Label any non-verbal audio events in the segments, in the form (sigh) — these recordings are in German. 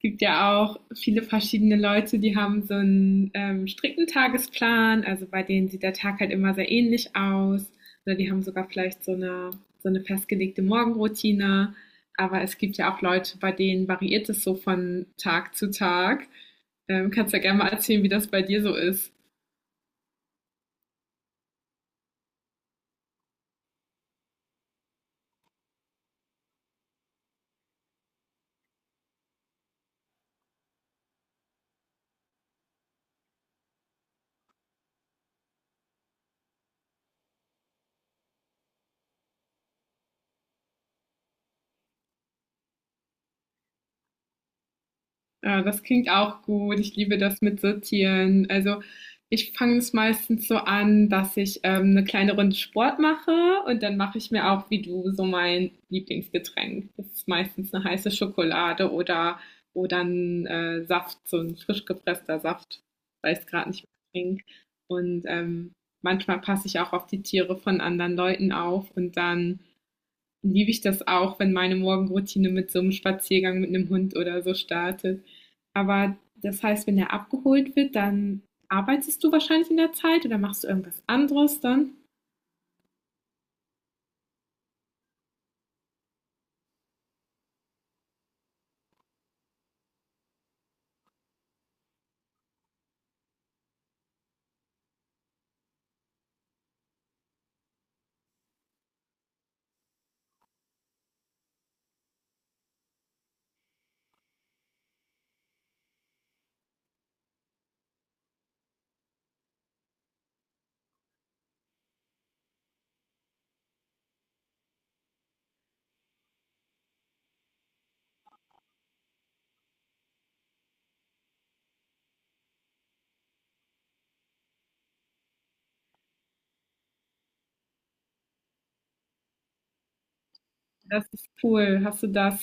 Gibt ja auch viele verschiedene Leute, die haben so einen strikten Tagesplan, also bei denen sieht der Tag halt immer sehr ähnlich aus. Oder die haben sogar vielleicht so eine festgelegte Morgenroutine. Aber es gibt ja auch Leute, bei denen variiert es so von Tag zu Tag. Kannst ja gerne mal erzählen, wie das bei dir so ist. Ah, das klingt auch gut. Ich liebe das mit Sortieren. Also ich fange es meistens so an, dass ich eine kleine Runde Sport mache und dann mache ich mir auch, wie du, so mein Lieblingsgetränk. Das ist meistens eine heiße Schokolade oder ein Saft, so ein frisch gepresster Saft, weil ich es gerade nicht mehr trinke. Und manchmal passe ich auch auf die Tiere von anderen Leuten auf und dann liebe ich das auch, wenn meine Morgenroutine mit so einem Spaziergang mit einem Hund oder so startet. Aber das heißt, wenn er abgeholt wird, dann arbeitest du wahrscheinlich in der Zeit oder machst du irgendwas anderes dann? Das ist cool. Hast du das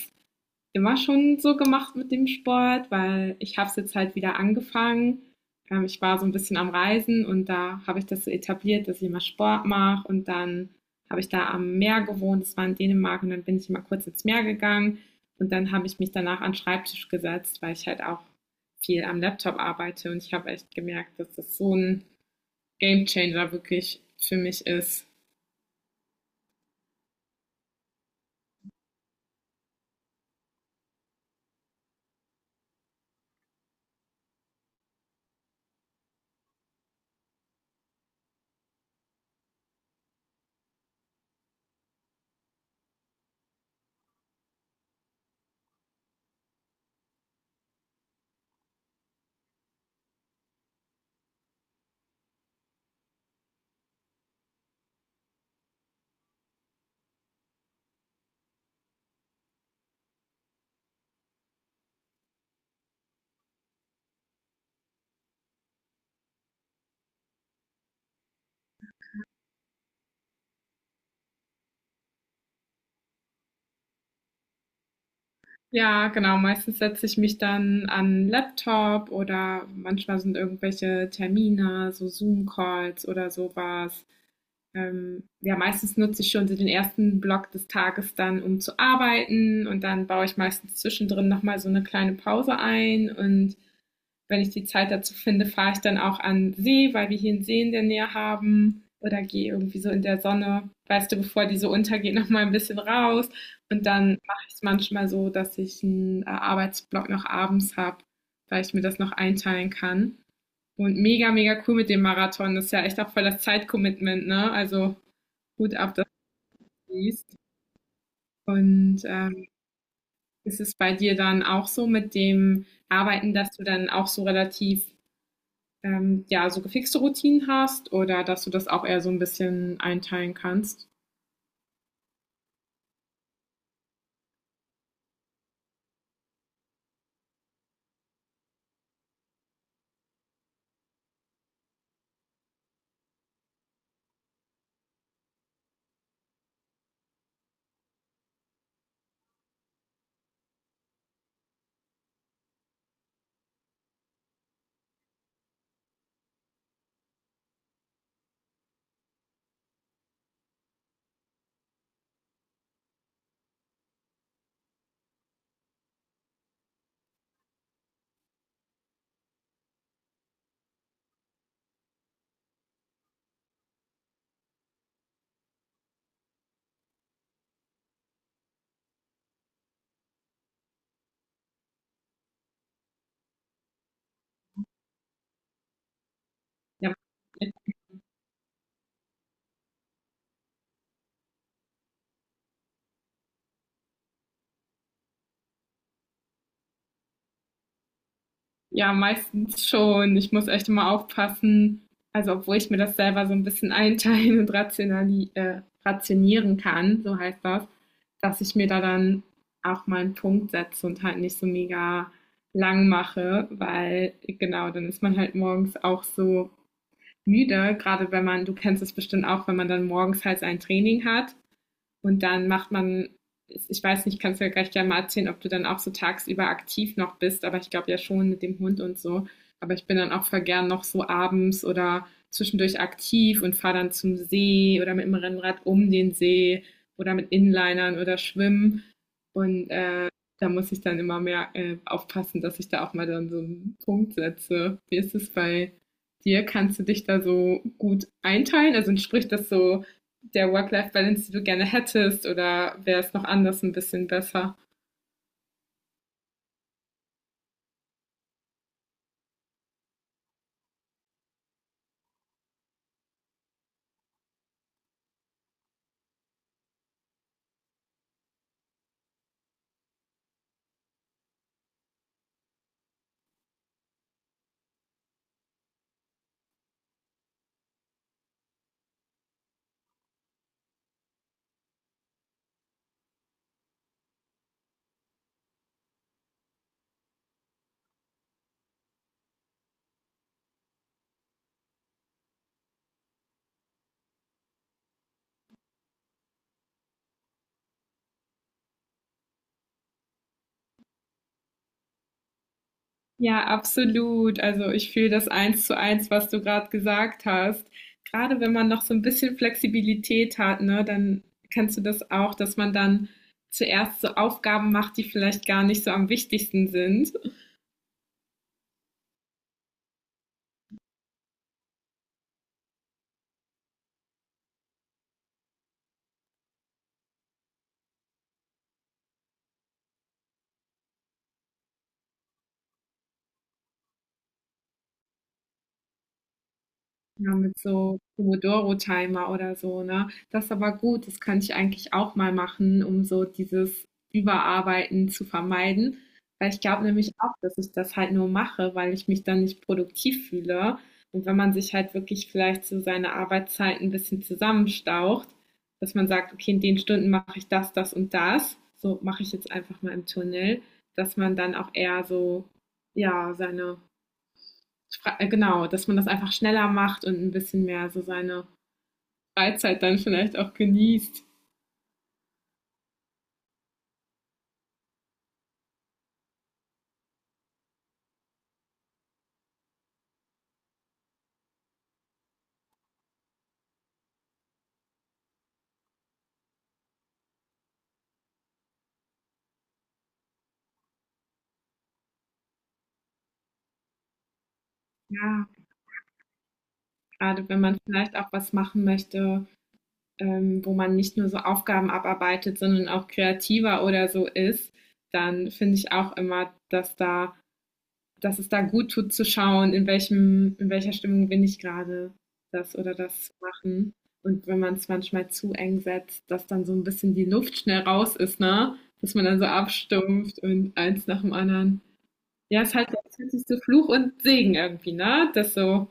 immer schon so gemacht mit dem Sport, weil ich habe es jetzt halt wieder angefangen. Ich war so ein bisschen am Reisen und da habe ich das so etabliert, dass ich immer Sport mache und dann habe ich da am Meer gewohnt, das war in Dänemark und dann bin ich immer kurz ins Meer gegangen und dann habe ich mich danach an den Schreibtisch gesetzt, weil ich halt auch viel am Laptop arbeite und ich habe echt gemerkt, dass das so ein Gamechanger wirklich für mich ist. Ja, genau. Meistens setze ich mich dann an 'n Laptop oder manchmal sind irgendwelche Termine, so Zoom-Calls oder so was. Ja, meistens nutze ich schon so den ersten Block des Tages dann, um zu arbeiten und dann baue ich meistens zwischendrin noch mal so 'ne kleine Pause ein und wenn ich die Zeit dazu finde, fahre ich dann auch an See, weil wir hier einen See in der Nähe haben. Oder gehe irgendwie so in der Sonne, weißt du, bevor die so untergeht, noch mal ein bisschen raus. Und dann mache ich es manchmal so, dass ich einen Arbeitsblock noch abends habe, weil ich mir das noch einteilen kann. Und mega, mega cool mit dem Marathon. Das ist ja echt auch voll das Zeitcommitment, ne? Also gut ab, dass du siehst. Und ist es bei dir dann auch so mit dem Arbeiten, dass du dann auch so relativ ja, so gefixte Routinen hast oder dass du das auch eher so ein bisschen einteilen kannst? Ja, ja, meistens schon. Ich muss echt immer aufpassen. Also, obwohl ich mir das selber so ein bisschen (laughs) einteilen und rationali rationieren kann, so heißt das, dass ich mir da dann auch mal einen Punkt setze und halt nicht so mega lang mache, weil genau, dann ist man halt morgens auch so müde, gerade wenn man, du kennst es bestimmt auch, wenn man dann morgens halt sein Training hat. Und dann macht man, ich weiß nicht, kannst du ja gleich gerne mal erzählen, ob du dann auch so tagsüber aktiv noch bist, aber ich glaube ja schon mit dem Hund und so. Aber ich bin dann auch voll gern noch so abends oder zwischendurch aktiv und fahre dann zum See oder mit dem Rennrad um den See oder mit Inlinern oder schwimmen. Und da muss ich dann immer mehr aufpassen, dass ich da auch mal dann so einen Punkt setze. Wie ist es bei dir? Kannst du dich da so gut einteilen? Also entspricht das so der Work-Life-Balance, die du gerne hättest, oder wäre es noch anders ein bisschen besser? Ja, absolut. Also ich fühle das eins zu eins, was du gerade gesagt hast. Gerade wenn man noch so ein bisschen Flexibilität hat, ne, dann kennst du das auch, dass man dann zuerst so Aufgaben macht, die vielleicht gar nicht so am wichtigsten sind. Ja, mit so Pomodoro-Timer oder so, ne? Das ist aber gut, das kann ich eigentlich auch mal machen, um so dieses Überarbeiten zu vermeiden. Weil ich glaube nämlich auch, dass ich das halt nur mache, weil ich mich dann nicht produktiv fühle. Und wenn man sich halt wirklich vielleicht so seine Arbeitszeit ein bisschen zusammenstaucht, dass man sagt, okay, in den Stunden mache ich das, das und das, so mache ich jetzt einfach mal im Tunnel, dass man dann auch eher so, ja, seine genau, dass man das einfach schneller macht und ein bisschen mehr so seine Freizeit dann vielleicht auch genießt. Ja, gerade wenn man vielleicht auch was machen möchte, wo man nicht nur so Aufgaben abarbeitet, sondern auch kreativer oder so ist, dann finde ich auch immer, dass es da gut tut zu schauen, in welcher Stimmung bin ich gerade, das oder das zu machen. Und wenn man es manchmal zu eng setzt, dass dann so ein bisschen die Luft schnell raus ist, ne? Dass man dann so abstumpft und eins nach dem anderen. Ja, es ist halt der 20. Fluch und Segen irgendwie, ne? Das so,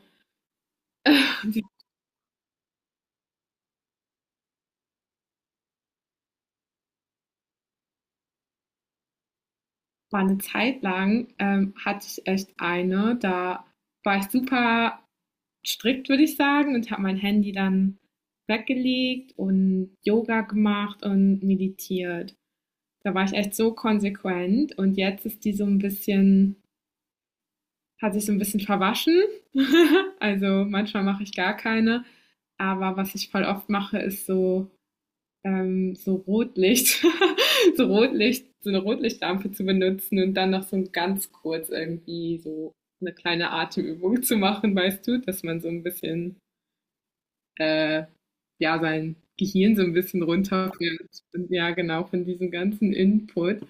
die war eine Zeit lang, hatte ich echt eine, da war ich super strikt, würde ich sagen, und habe mein Handy dann weggelegt und Yoga gemacht und meditiert. Da war ich echt so konsequent und jetzt ist die so ein bisschen, hat sich so ein bisschen verwaschen. (laughs) Also manchmal mache ich gar keine. Aber was ich voll oft mache, ist so, so Rotlicht, (laughs) so Rotlicht, so eine Rotlichtlampe zu benutzen und dann noch so ganz kurz irgendwie so eine kleine Atemübung zu machen, weißt du, dass man so ein bisschen äh, ja, sein Gehirn so ein bisschen runterbringt. Und ja, genau, von diesem ganzen Input.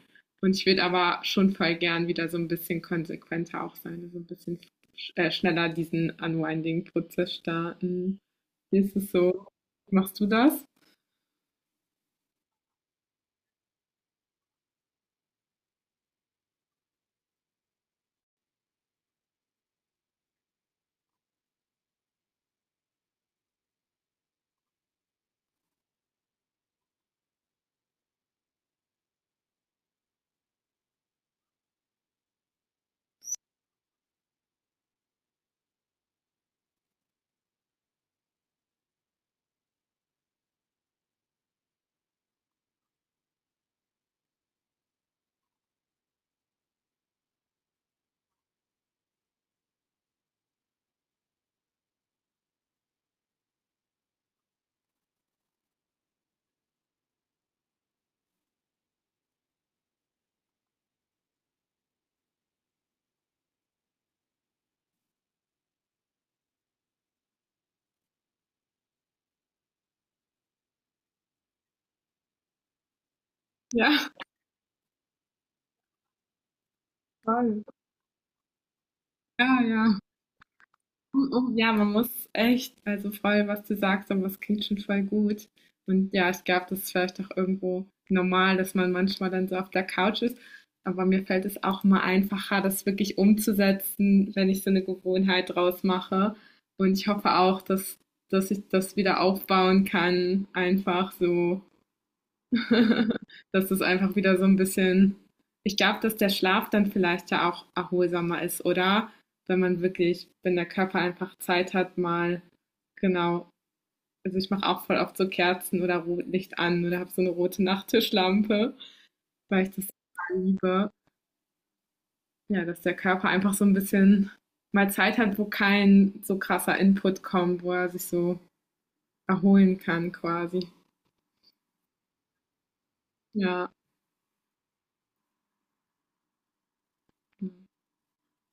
Und ich würde aber schon voll gern wieder so ein bisschen konsequenter auch sein, also ein bisschen schneller diesen Unwinding-Prozess starten. Wie ist es so? Machst du das? Ja, voll. Ja. Ja, man muss echt, also voll, was du sagst, aber es klingt schon voll gut. Und ja, ich glaube, das ist vielleicht auch irgendwo normal, dass man manchmal dann so auf der Couch ist. Aber mir fällt es auch immer einfacher, das wirklich umzusetzen, wenn ich so eine Gewohnheit draus mache. Und ich hoffe auch, dass ich das wieder aufbauen kann, einfach so. (laughs) Das ist einfach wieder so ein bisschen, ich glaube, dass der Schlaf dann vielleicht ja auch erholsamer ist, oder? Wenn man wirklich, wenn der Körper einfach Zeit hat, mal genau. Also, ich mache auch voll oft so Kerzen oder Rotlicht an oder habe so eine rote Nachttischlampe, weil ich das total liebe. Ja, dass der Körper einfach so ein bisschen mal Zeit hat, wo kein so krasser Input kommt, wo er sich so erholen kann quasi. Ja. Mhm.